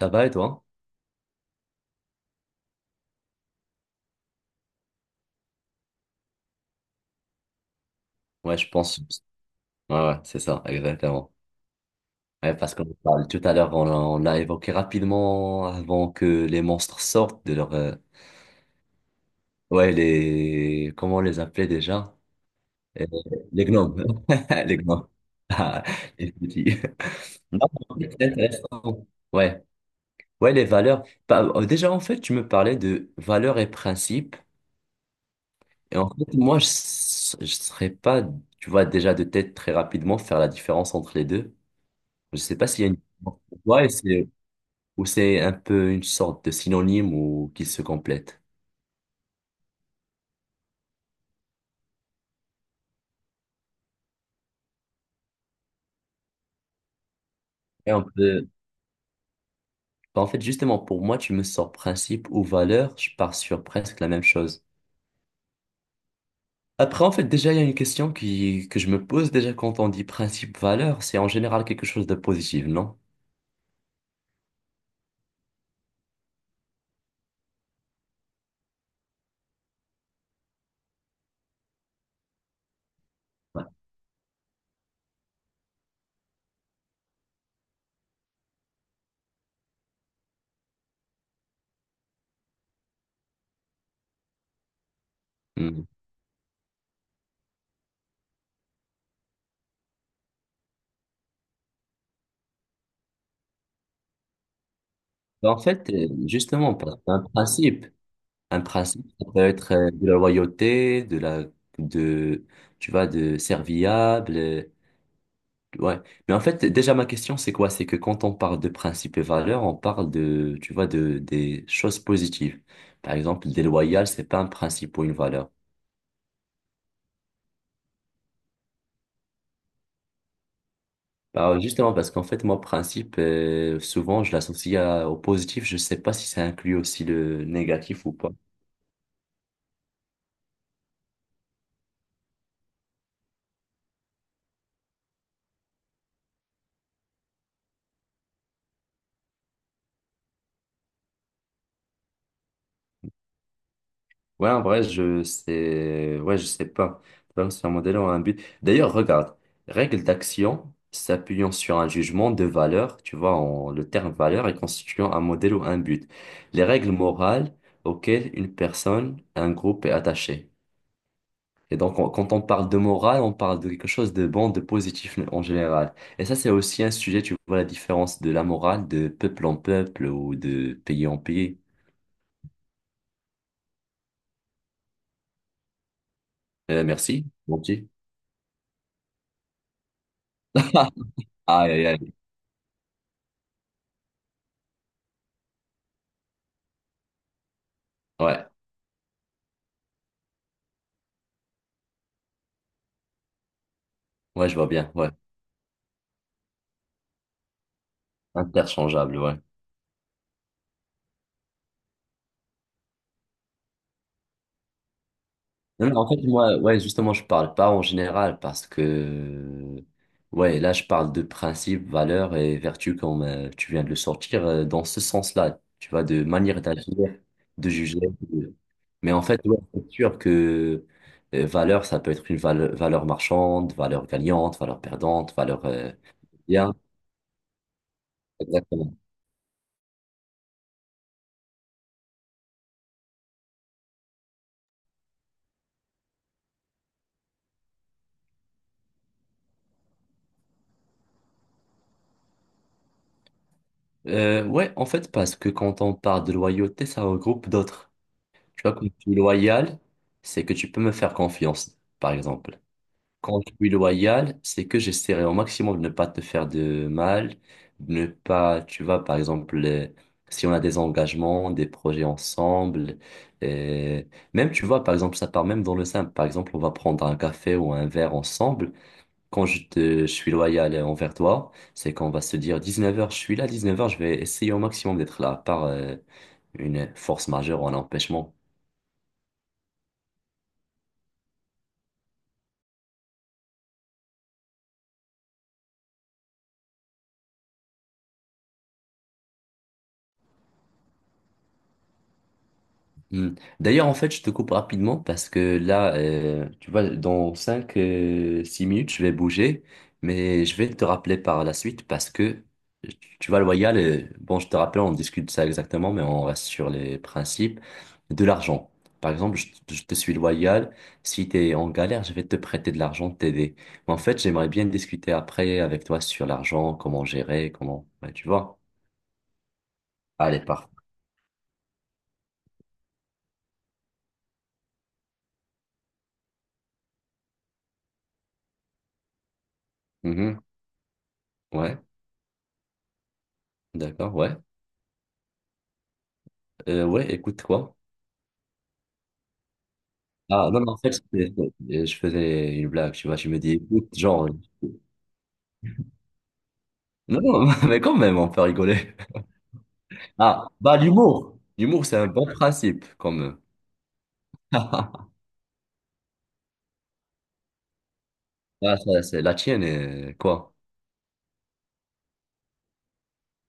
Ça va et toi? Ouais, je pense. Ouais, ouais, c'est ça, exactement. Ouais, parce qu'on parle tout à l'heure, on l'a évoqué rapidement avant que les monstres sortent de leur. Ouais, les. Comment on les appelait déjà? Euh, les gnomes. Les gnomes. Ah, les petits. Ok, c'est intéressant. Ouais, ouais, les valeurs. Bah, déjà, en fait, tu me parlais de valeurs et principes. Et en fait, moi, je ne serais pas, tu vois, déjà de tête très rapidement faire la différence entre les deux. Je sais pas s'il y a une différence pour toi et c'est ou c'est un peu une sorte de synonyme ou qu'ils se complètent. Et on peut. Bah, en fait, justement, pour moi, tu me sors principe ou valeur, je pars sur presque la même chose. Après, en fait, déjà, il y a une question que je me pose déjà quand on dit principe, valeur, c'est en général quelque chose de positif, non? Ouais. Hmm. Bah, en fait, justement, parce qu'un principe, ça peut être de la loyauté, de la, de, tu vois, de serviable. Ouais. Mais en fait, déjà, ma question, c'est quoi? C'est que quand on parle de principes et valeurs, on parle de, tu vois, de, des choses positives. Par exemple, déloyal, c'est pas un principe ou une valeur. Bah, justement, parce qu'en fait, moi, principe, souvent, je l'associe au positif. Je sais pas si ça inclut aussi le négatif ou pas. Ouais, en vrai, je sais, ouais, je sais pas. Transfert modèle ont un but. D'ailleurs, regarde, règle d'action s'appuyant sur un jugement de valeur, tu vois, le terme valeur est constituant un modèle ou un but. Les règles morales auxquelles une personne, un groupe est attaché. Et donc, quand on parle de morale, on parle de quelque chose de bon, de positif en général. Et ça, c'est aussi un sujet, tu vois, la différence de la morale de peuple en peuple ou de pays en pays. Merci, mon petit. Aïe, aïe, aïe. Ouais. Ouais, je vois bien, ouais. Interchangeable, ouais. Non, non, en fait, moi, ouais, justement, je parle pas en général parce que, ouais, là, je parle de principes, valeurs et vertus comme tu viens de le sortir dans ce sens-là, tu vois, de manière d'agir, de juger. de- Mais en fait, ouais, c'est sûr que valeur, ça peut être une valeur marchande, valeur gagnante, valeur perdante, valeur bien. Exactement. Ouais, en fait, parce que quand on parle de loyauté, ça regroupe d'autres. Tu vois, quand je suis loyal, c'est que tu peux me faire confiance, par exemple. Quand je suis loyal, c'est que j'essaierai au maximum de ne pas te faire de mal, de ne pas, tu vois, par exemple, si on a des engagements, des projets ensemble, euh, même, tu vois, par exemple, ça part même dans le simple. Par exemple, on va prendre un café ou un verre ensemble. Quand je suis loyal envers toi, c'est qu'on va se dire 19h, je suis là, 19h, je vais essayer au maximum d'être là, à part, une force majeure ou un empêchement. Hmm. D'ailleurs, en fait, je te coupe rapidement parce que là, tu vois, dans cinq 6 minutes, je vais bouger, mais je vais te rappeler par la suite parce que, tu vois, loyal, bon, je te rappelle, on discute de ça exactement, mais on reste sur les principes de l'argent. Par exemple, je te suis loyal, si tu es en galère, je vais te prêter de l'argent, t'aider. Mais en fait, j'aimerais bien discuter après avec toi sur l'argent, comment gérer, comment, ouais, tu vois. Allez, parfait. Mhm. Ouais, d'accord, ouais. Ouais, écoute, quoi? Ah, non, mais en fait, je faisais une blague, tu vois, je me dis, écoute, genre, non, non, mais quand même, on peut rigoler. Ah, bah, l'humour. L'humour, c'est un bon principe, comme. Ah, ça, c'est la tienne, quoi.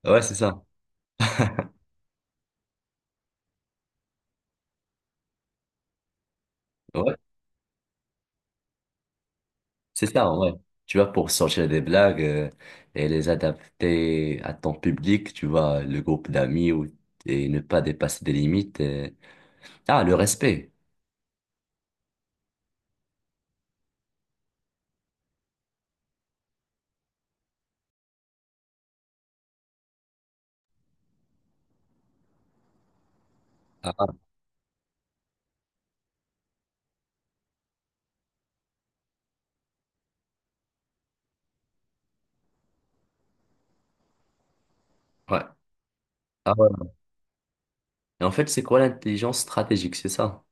Ouais, c'est ça. Ouais, c'est ça, ouais. Tu vois, pour sortir des blagues et les adapter à ton public, tu vois, le groupe d'amis et ne pas dépasser des limites. Ah, le respect. Ah, ouais. Ah, ouais. Et en fait, c'est quoi l'intelligence stratégique, c'est ça?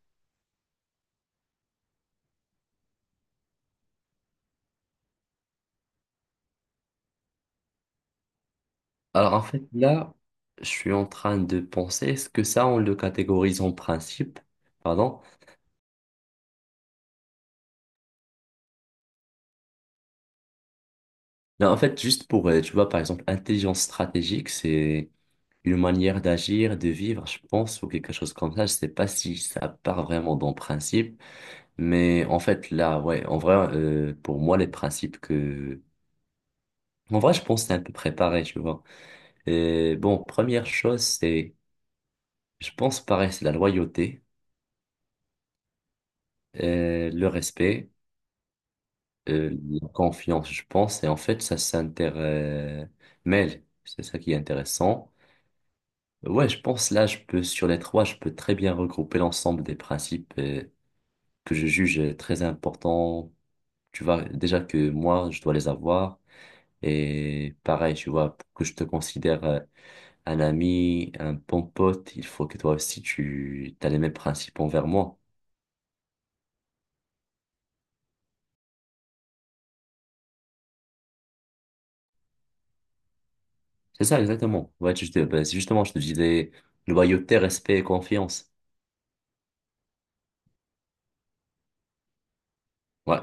Alors en fait, là, je suis en train de penser, est-ce que ça, on le catégorise en principe? Pardon? Non, en fait, juste pour, tu vois, par exemple, intelligence stratégique, c'est une manière d'agir, de vivre, je pense, ou quelque chose comme ça. Je sais pas si ça part vraiment dans le principe, mais en fait, là, ouais, en vrai, pour moi, les principes que. En vrai, je pense que c'est un peu préparé, tu vois. Et bon, première chose, c'est, je pense, pareil, c'est la loyauté, le respect. La confiance, je pense, et en fait, ça s'intermêle. C'est ça qui est intéressant. Ouais, je pense là, je peux, sur les trois, je peux très bien regrouper l'ensemble des principes que je juge très importants. Tu vois, déjà que moi, je dois les avoir. Et pareil, tu vois, pour que je te considère un ami, un bon pote, il faut que toi aussi, tu as les mêmes principes envers moi. C'est ça, exactement. Ouais, bah, justement, je te disais loyauté, respect et confiance. Ouais.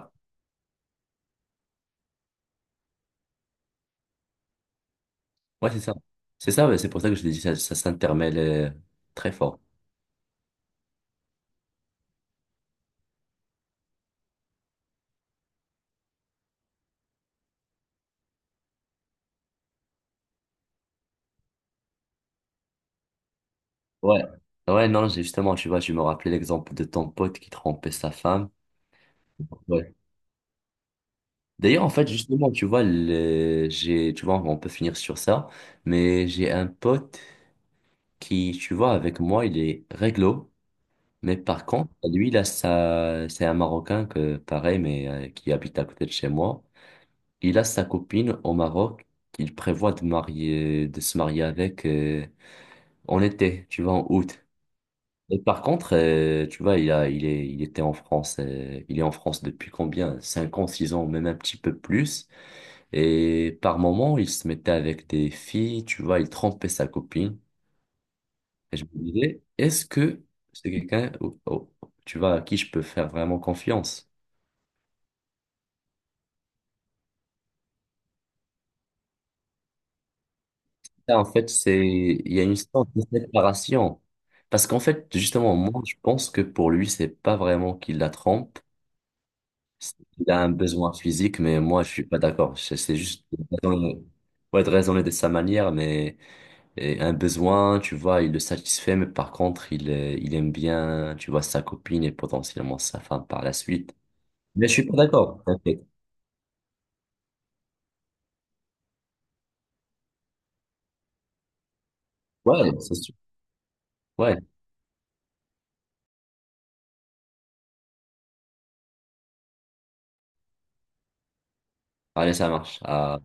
Ouais, c'est ça. C'est ça, ouais, c'est pour ça que je te dis, ça s'intermêle très fort. Ouais. Ouais, non, justement, tu vois, je me rappelais l'exemple de ton pote qui trompait sa femme. Ouais. D'ailleurs, en fait, justement, tu vois, j'ai, tu vois, on peut finir sur ça, mais j'ai un pote qui, tu vois, avec moi, il est réglo, mais par contre, lui, là, ça, c'est un Marocain que, pareil, mais qui habite à côté de chez moi. Il a sa copine au Maroc qu'il prévoit de se marier avec. En été, tu vois, en août. Et par contre, tu vois, il était en France, il est en France depuis combien? 5 ans, 6 ans, même un petit peu plus. Et par moment, il se mettait avec des filles, tu vois, il trompait sa copine. Et je me disais, est-ce que c'est quelqu'un, tu vois, à qui je peux faire vraiment confiance? Ça, en fait, il y a une sorte de séparation. Parce qu'en fait, justement, moi, je pense que pour lui, c'est pas vraiment qu'il la trompe. Il a un besoin physique, mais moi, je suis pas d'accord. C'est juste raisonner- ouais, de raisonner de sa manière, mais et un besoin, tu vois, il le satisfait, mais par contre, il aime bien, tu vois, sa copine et potentiellement sa femme par la suite. Mais je suis pas d'accord. T'inquiète. Ouais, c'est sûr. Ouais, allez, ça marche. À.